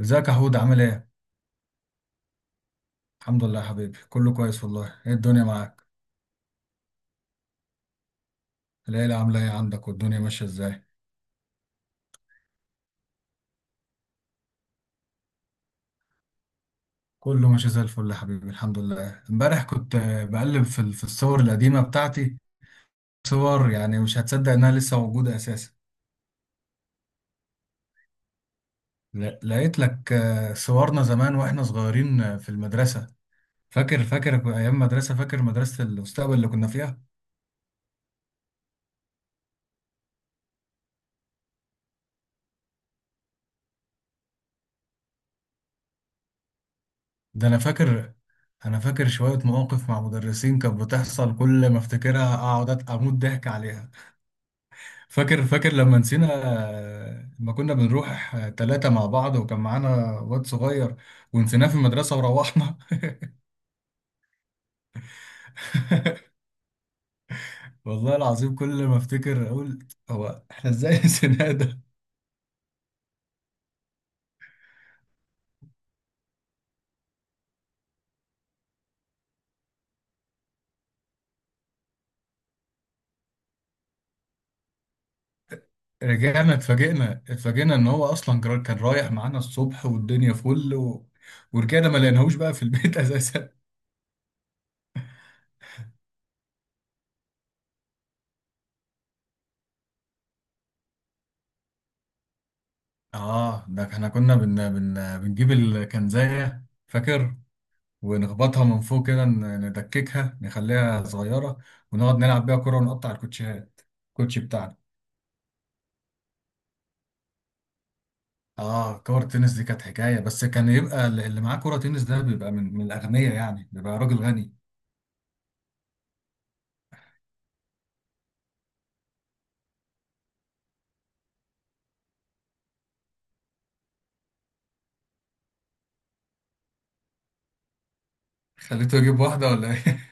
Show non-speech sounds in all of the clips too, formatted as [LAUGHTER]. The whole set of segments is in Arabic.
ازيك يا حود عامل ايه؟ الحمد لله يا حبيبي، كله كويس والله. ايه الدنيا معاك؟ العيلة عاملة ايه عندك؟ والدنيا ماشية ازاي؟ كله ماشي زي الفل يا حبيبي الحمد لله. امبارح كنت بقلب في في الصور القديمة بتاعتي. صور يعني مش هتصدق انها لسه موجودة اساسا. لقيت لك صورنا زمان واحنا صغيرين في المدرسة. فاكر ايام مدرسة، فاكر مدرسة المستقبل اللي كنا فيها؟ ده انا فاكر. انا فاكر شوية مواقف مع مدرسين كانت بتحصل كل ما افتكرها اقعد اموت ضحك عليها. فاكر لما نسينا، لما كنا بنروح ثلاثة مع بعض وكان معانا واد صغير ونسيناه في المدرسة وروحنا. [LAUGHS] والله العظيم كل ما افتكر اقول هو احنا ازاي [LAUGHS] نسيناه ده؟ رجعنا اتفاجئنا ان هو اصلا كان رايح معانا الصبح والدنيا فل ورجعنا ما لقيناهوش بقى في البيت [LAUGHS] اساسا. اه ده احنا كنا بنجيب الكنزاية فاكر، ونخبطها من فوق كده، ندككها نخليها صغيرة، ونقعد نلعب بيها كرة ونقطع الكوتشيهات، الكوتشي بتاعنا. اه كرة تنس دي كانت حكاية، بس كان يبقى اللي معاه كرة تنس ده بيبقى من الأغنياء، يعني بيبقى راجل غني. خليته يجيب واحدة ولا ايه؟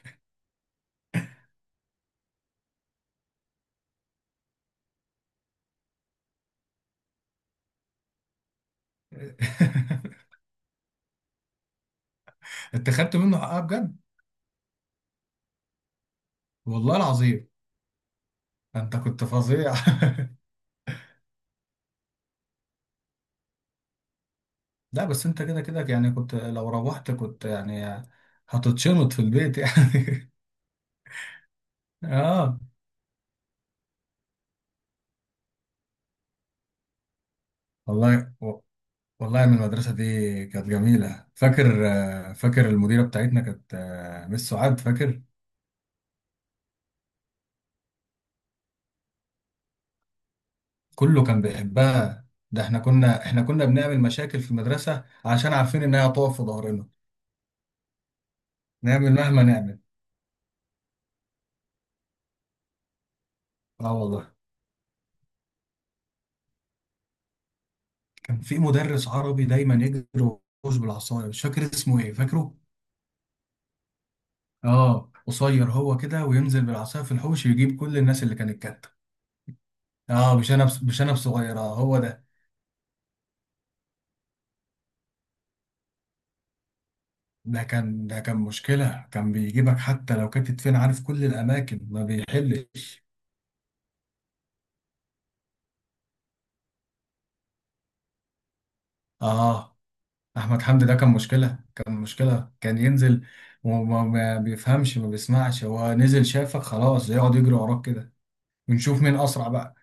[LAUGHS] انت خدت منه حقها بجد، والله العظيم. انت كنت فظيع. [LAUGHS] لا بس انت كده كده يعني، كنت لو روحت كنت يعني هتتشنط في البيت يعني. [LAUGHS] اه والله. والله من المدرسة دي كانت جميلة. فاكر فاكر المديرة بتاعتنا كانت مس سعاد، فاكر؟ كله كان بيحبها، ده احنا كنا بنعمل مشاكل في المدرسة عشان عارفين انها هتقف في ظهرنا، نعمل مهما نعمل. اه والله. كان في مدرس عربي دايما يجري ويحوش بالعصاية، مش فاكر اسمه ايه، فاكره؟ اه قصير هو كده، وينزل بالعصاية في الحوش يجيب كل الناس اللي كانت كاتة. اه مش انا بس، مش انا بصغيرة هو ده. ده كان مشكلة، كان بيجيبك حتى لو كانت فين، عارف كل الأماكن ما بيحلش. آه، أحمد حمدي ده كان مشكلة، كان ينزل، وما ما بيفهمش ما بيسمعش، هو نزل شافك خلاص يقعد يجري وراك كده، ونشوف مين أسرع بقى.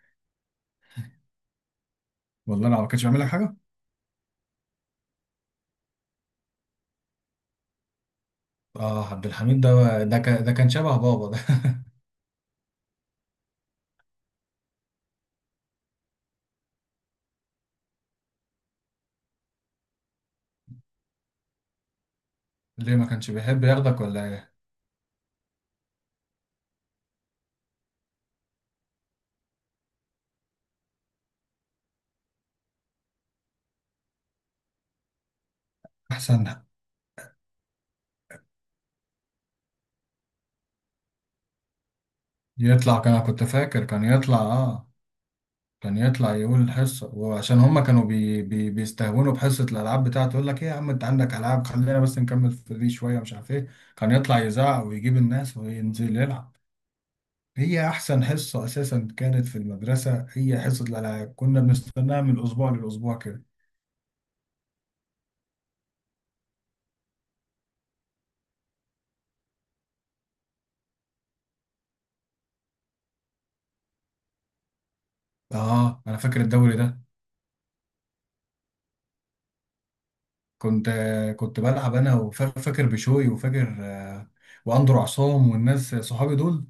والله أنا ما كانش بيعمل لك حاجة. آه، عبد الحميد ده كان شبه بابا ده. [LAUGHS] ليه ما كانش بيحب ياخدك ولا إيه؟ أحسن. يطلع، كان كنت فاكر كان يطلع كان يطلع يقول الحصة، وعشان هما كانوا بي بي بيستهونوا بحصة الألعاب بتاعته، يقول لك إيه يا عم أنت عندك ألعاب، خلينا بس نكمل في دي شوية مش عارف إيه. كان يطلع يزعق ويجيب الناس وينزل يلعب. هي أحسن حصة أساسا كانت في المدرسة هي حصة الألعاب، كنا بنستناها من الأسبوع للأسبوع كده. آه، أنا فاكر الدوري ده. كنت كنت بلعب أنا وفاكر بشوي وفاكر وأندرو عصام والناس صحابي دول.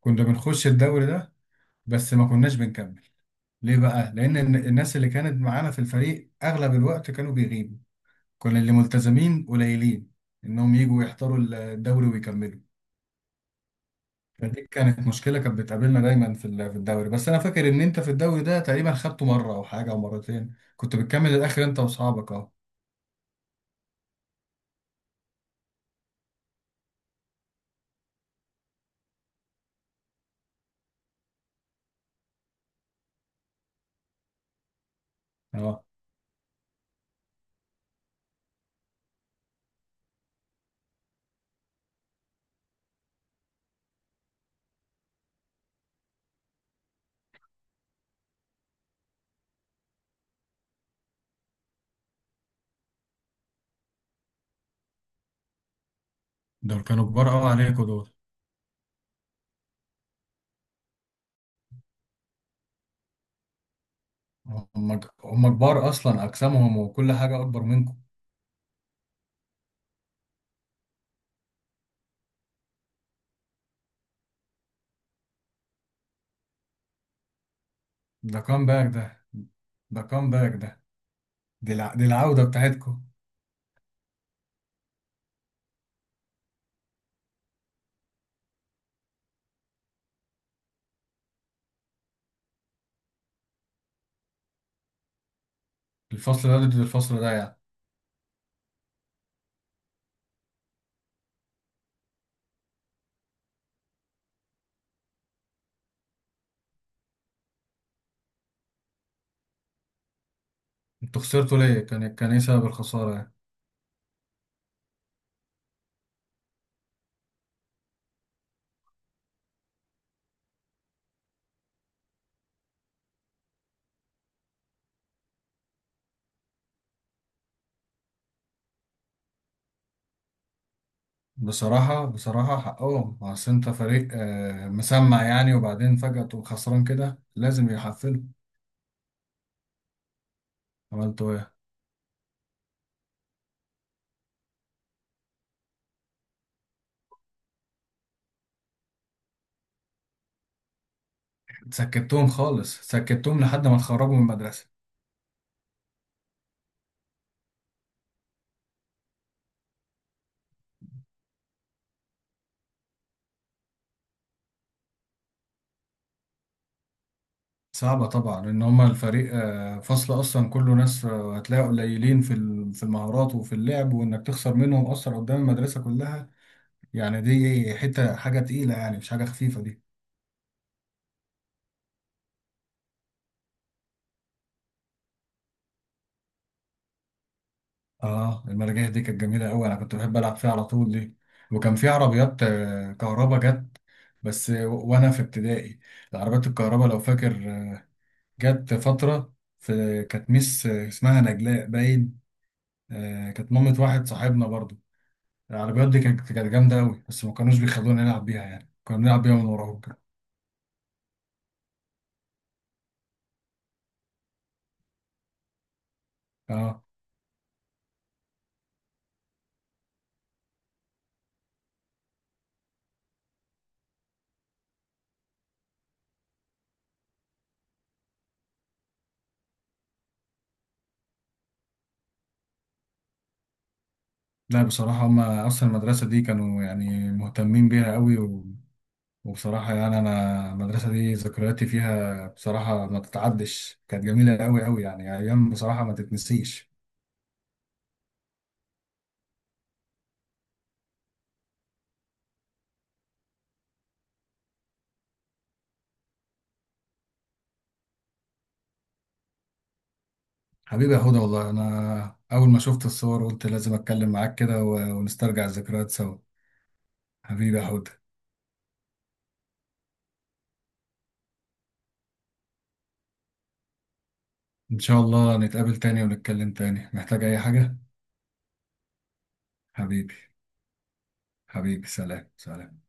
كنا بنخش الدوري ده، بس ما كناش بنكمل. ليه بقى؟ لأن الناس اللي كانت معانا في الفريق أغلب الوقت كانوا بيغيبوا. كنا اللي ملتزمين قليلين إنهم يجوا يحضروا الدوري ويكملوا. فدي كانت مشكلة كانت بتقابلنا دايما في في الدوري. بس أنا فاكر إن أنت في الدوري ده تقريبا خدته مرة أو حاجة أو مرتين، كنت بتكمل الآخر أنت وأصحابك أه. أه، دول كانوا كبار قوي عليكوا دول. هم كبار أصلا، أجسامهم وكل حاجة أكبر منكم. ده كام باك ده، ده كام باك ده؟ دي دي العودة بتاعتكم. الفصل ده ضد الفصل ده يعني. انتوا خسرتوا ليه؟ كان الكنيسة بالخسارة يعني. بصراحة بصراحة حقهم، اصل انت فريق مسمع يعني، وبعدين فجأة تقوم خسران كده لازم يحفلوا. عملتوا ايه؟ سكتتهم خالص، سكتتهم لحد ما اتخرجوا من المدرسة. صعبة طبعا ان هما الفريق فصل اصلا كله ناس هتلاقي قليلين في في المهارات وفي اللعب، وانك تخسر منهم اصلا قدام المدرسة كلها. يعني دي حتة حاجة تقيلة يعني، مش حاجة خفيفة دي. اه المراجيح دي كانت جميله قوي، انا كنت بحب العب فيها على طول دي. وكان في عربيات كهربا جت بس وانا في ابتدائي. العربيات الكهربا لو فاكر جت فتره. في كانت ميس اسمها نجلاء باين، كانت مامة واحد صاحبنا برضو. العربيات دي كانت جامده قوي، بس ما كانوش بيخلونا نلعب بيها، يعني كنا بنلعب بيها من وراهم كده. اه، لا بصراحه هم اصلا المدرسه دي كانوا يعني مهتمين بيها قوي. وبصراحة يعني أنا المدرسة دي ذكرياتي فيها بصراحة ما تتعدش، كانت جميلة أوي أوي يعني، أيام بصراحة ما تتنسيش. حبيبي يا هدى، والله أنا أول ما شفت الصور قلت لازم أتكلم معاك كده ونسترجع الذكريات سوا. حبيبي يا هدى. إن شاء الله نتقابل تاني ونتكلم تاني. محتاج أي حاجة؟ حبيبي. حبيبي، سلام سلام.